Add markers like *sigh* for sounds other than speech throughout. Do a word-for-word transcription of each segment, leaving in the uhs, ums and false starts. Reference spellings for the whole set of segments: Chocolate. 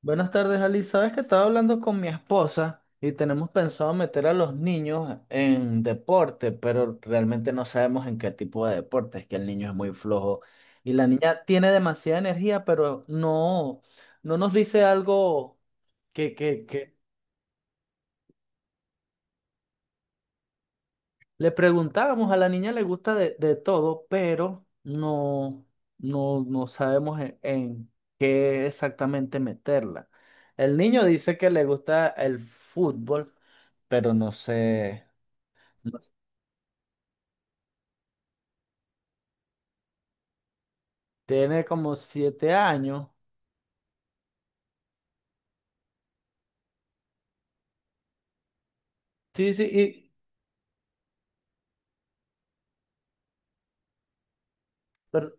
Buenas tardes, Ali. Sabes que estaba hablando con mi esposa y tenemos pensado meter a los niños en deporte, pero realmente no sabemos en qué tipo de deporte. Es que el niño es muy flojo y la niña tiene demasiada energía, pero no, no nos dice algo que, que, que Le preguntábamos, a la niña le gusta de, de todo, pero no, no, no sabemos en, en qué exactamente meterla. El niño dice que le gusta el fútbol, pero no sé. no sé. Tiene como siete años. Sí, sí, y pero,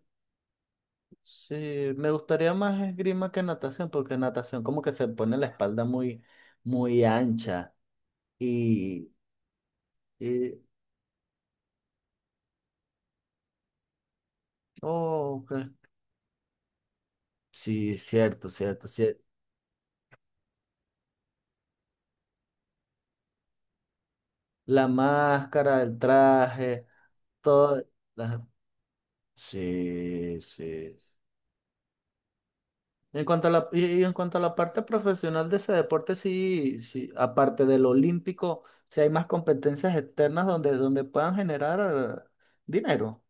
sí, me gustaría más esgrima que natación, porque natación como que se pone la espalda muy, muy ancha. Y, y oh, ok. Sí, cierto, cierto, sí. La máscara, el traje, todo. la- Sí, sí. En cuanto a la, y y en cuanto a la parte profesional de ese deporte, sí, sí, aparte del olímpico, sí hay más competencias externas donde, donde puedan generar dinero.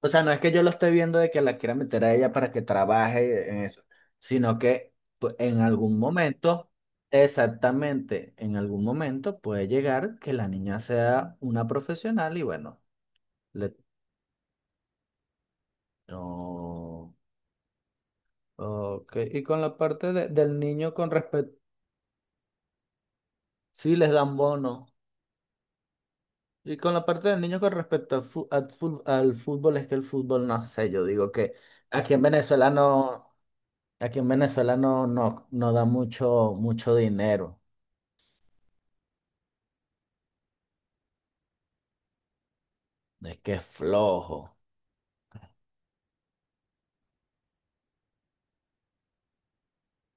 O sea, no es que yo lo esté viendo de que la quiera meter a ella para que trabaje en eso, sino que pues, en algún momento, exactamente, en algún momento puede llegar que la niña sea una profesional y bueno. le No. Ok. Y con la parte de- del niño con respecto. Sí, les dan bono. Y con la parte del niño con respecto al, fu- al fu- al fútbol, es que el fútbol no sé. Yo digo que aquí en Venezuela no. Aquí en Venezuela no, no, no da mucho, mucho dinero. Es que es flojo.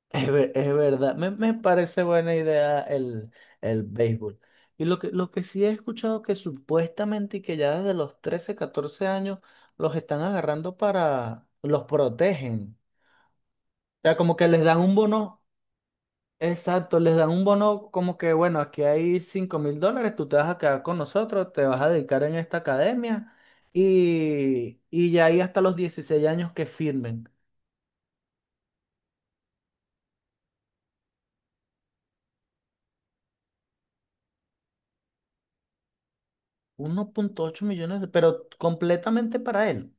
Es, ver- es verdad, me, me parece buena idea el, el béisbol. Y lo que, lo que sí he escuchado que supuestamente y que ya desde los trece catorce años los están agarrando para, los protegen. O sea, como que les dan un bono, exacto, les dan un bono como que, bueno, aquí hay cinco mil dólares, tú te vas a quedar con nosotros, te vas a dedicar en esta academia y, y ya ahí hasta los dieciséis años que firmen. Uno punto ocho millones, de- pero completamente para él.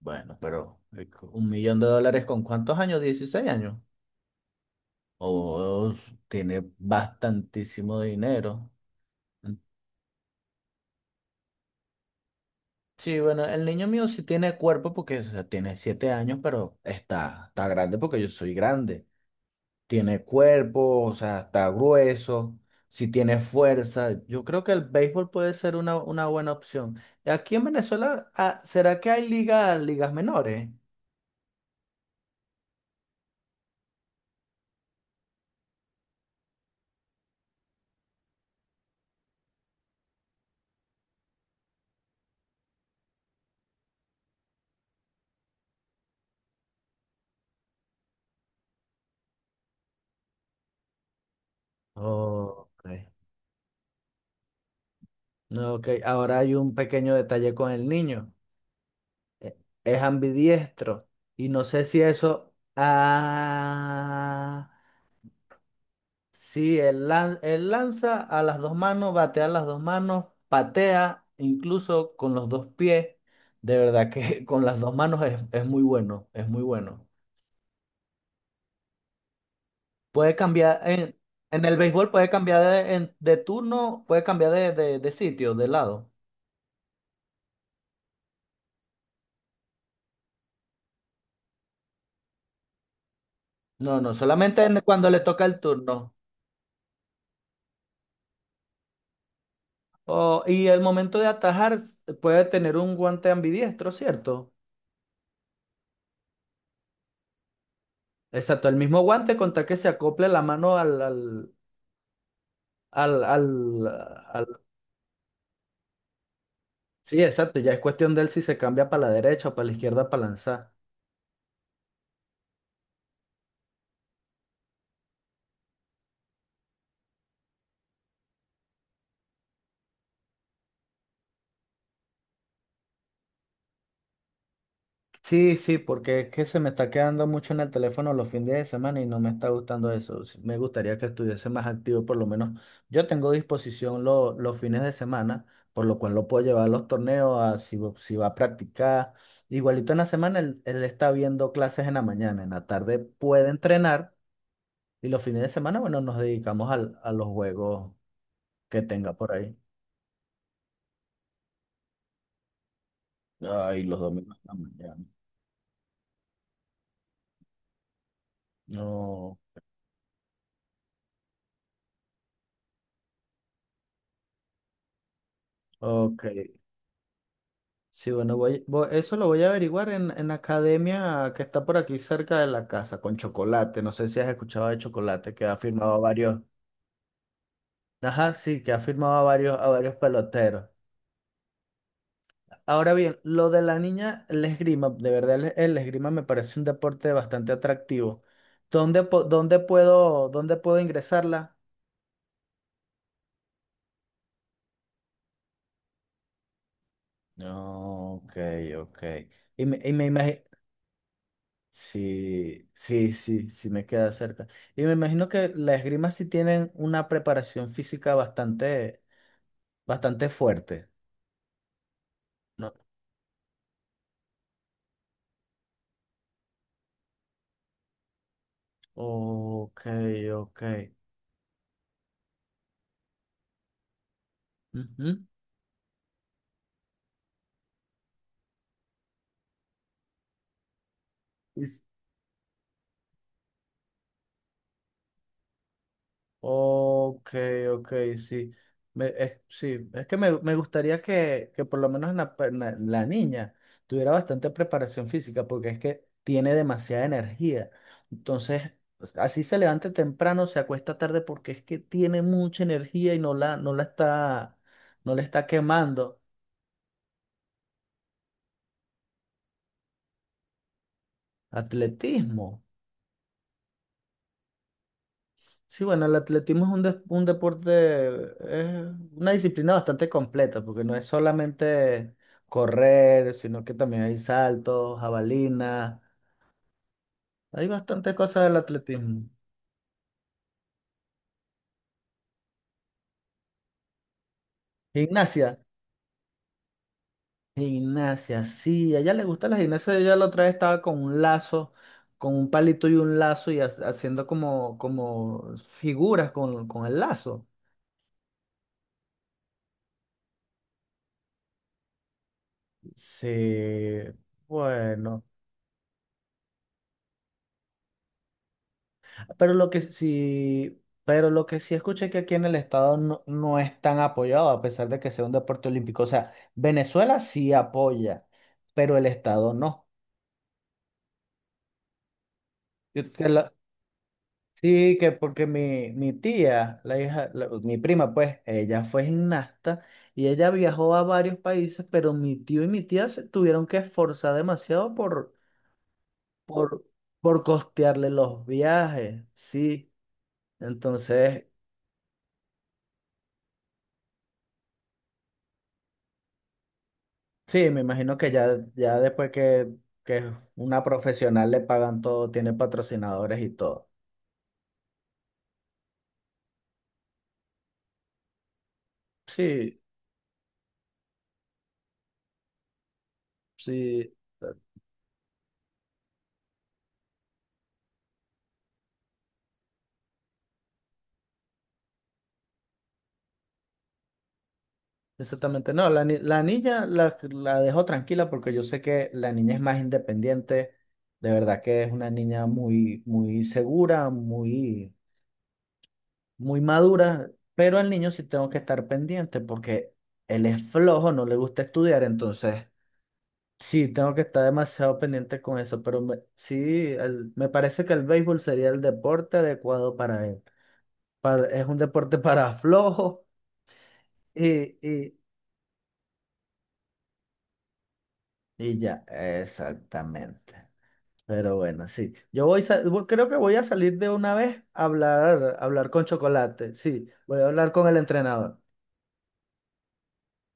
Bueno, pero eh, co- un millón de dólares con cuántos años, dieciséis años. Oh, tiene bastantísimo dinero. Mm. Sí, bueno, el niño mío sí tiene cuerpo porque o sea, tiene siete años, pero está, está grande porque yo soy grande. Tiene cuerpo, o sea, está grueso, sí tiene fuerza. Yo creo que el béisbol puede ser una, una buena opción. Aquí en Venezuela, ah, ¿será que hay ligas, ligas menores? Ok. No, ok, ahora hay un pequeño detalle con el niño. E- Es ambidiestro. Y no sé si eso. Ah. Sí, él, lan- él lanza a las dos manos, batea a las dos manos, patea incluso con los dos pies. De verdad que *laughs* con las dos manos es, es muy bueno, es muy bueno. Puede cambiar, en, en el béisbol puede cambiar de, en- de turno, puede cambiar de, de de sitio, de lado. No, no, solamente en- cuando le toca el turno. Oh, y el momento de atajar puede tener un guante ambidiestro, ¿cierto? Exacto, el mismo guante con tal que se acople la mano al, al, al, al, al- Sí, exacto, ya es cuestión de él si se cambia para la derecha o para la izquierda para lanzar. Sí, sí, porque es que se me está quedando mucho en el teléfono los fines de semana y no me está gustando eso. Sí, me gustaría que estuviese más activo, por lo menos. Yo tengo disposición lo- los fines de semana, por lo cual lo puedo llevar a los torneos, a si, va si va a practicar. Igualito en la semana, él, él está viendo clases en la mañana, en la tarde puede entrenar y los fines de semana, bueno, nos dedicamos al- a los juegos que tenga por ahí. Ay, los domingos en la mañana. No, ok. Sí, bueno, voy, voy- eso lo voy a averiguar en, en la academia que está por aquí cerca de la casa, con Chocolate. No sé si has escuchado de Chocolate, que ha firmado a varios. Ajá, sí, que ha firmado a varios, a varios peloteros. Ahora bien, lo de la niña, el esgrima, de verdad el, el esgrima me parece un deporte bastante atractivo. ¿Dónde, po- dónde puedo, dónde puedo ingresarla? No, ok, ok. Y me, y me imagi- Sí, sí, sí, sí me queda cerca. Y me imagino que las esgrima sí tienen una preparación física bastante, bastante fuerte. No. Ok, ok. Ujú. Ok, ok, sí. Me- es, sí, es que me, me gustaría que, que por lo menos la, per- na- la niña tuviera bastante preparación física porque es que tiene demasiada energía. Entonces, así se levante temprano, se acuesta tarde porque es que tiene mucha energía y no la, no la está, no la está quemando. Atletismo. Sí, bueno, el atletismo es un, des- un deporte, es una disciplina bastante completa, porque no es solamente correr, sino que también hay saltos, jabalinas, hay bastantes cosas del atletismo. Gimnasia, gimnasia, sí, a ella le gusta la gimnasia, ella la otra vez estaba con un lazo, con un palito y un lazo y ha- haciendo como, como figuras con, con el lazo. Sí, bueno. Pero lo que sí, pero lo que sí escuché que aquí en el estado no, no es tan apoyado, a pesar de que sea un deporte olímpico. O sea, Venezuela sí apoya, pero el estado no. Yo- que la- sí, que porque mi, mi tía, la hija, la- mi prima, pues, ella fue gimnasta y ella viajó a varios países, pero mi tío y mi tía se tuvieron que esforzar demasiado por, por costearle los viajes. Sí. Entonces, sí, me imagino que ya, ya después que, que una profesional le pagan todo, tiene patrocinadores y todo. Sí, sí, exactamente. No, la, ni- la niña la, la dejo tranquila porque yo sé que la niña es más independiente. De verdad que es una niña muy, muy segura, muy, muy madura. Pero al niño sí tengo que estar pendiente porque él es flojo, no le gusta estudiar, entonces. Sí, tengo que estar demasiado pendiente con eso, pero me- sí, el- me parece que el béisbol sería el deporte adecuado para él. Para- es un deporte *laughs* para flojos y, y, y ya, exactamente. Pero bueno, sí. Yo voy, sa- voy- creo que voy a salir de una vez a hablar, a hablar con Chocolate. Sí, voy a hablar con el entrenador.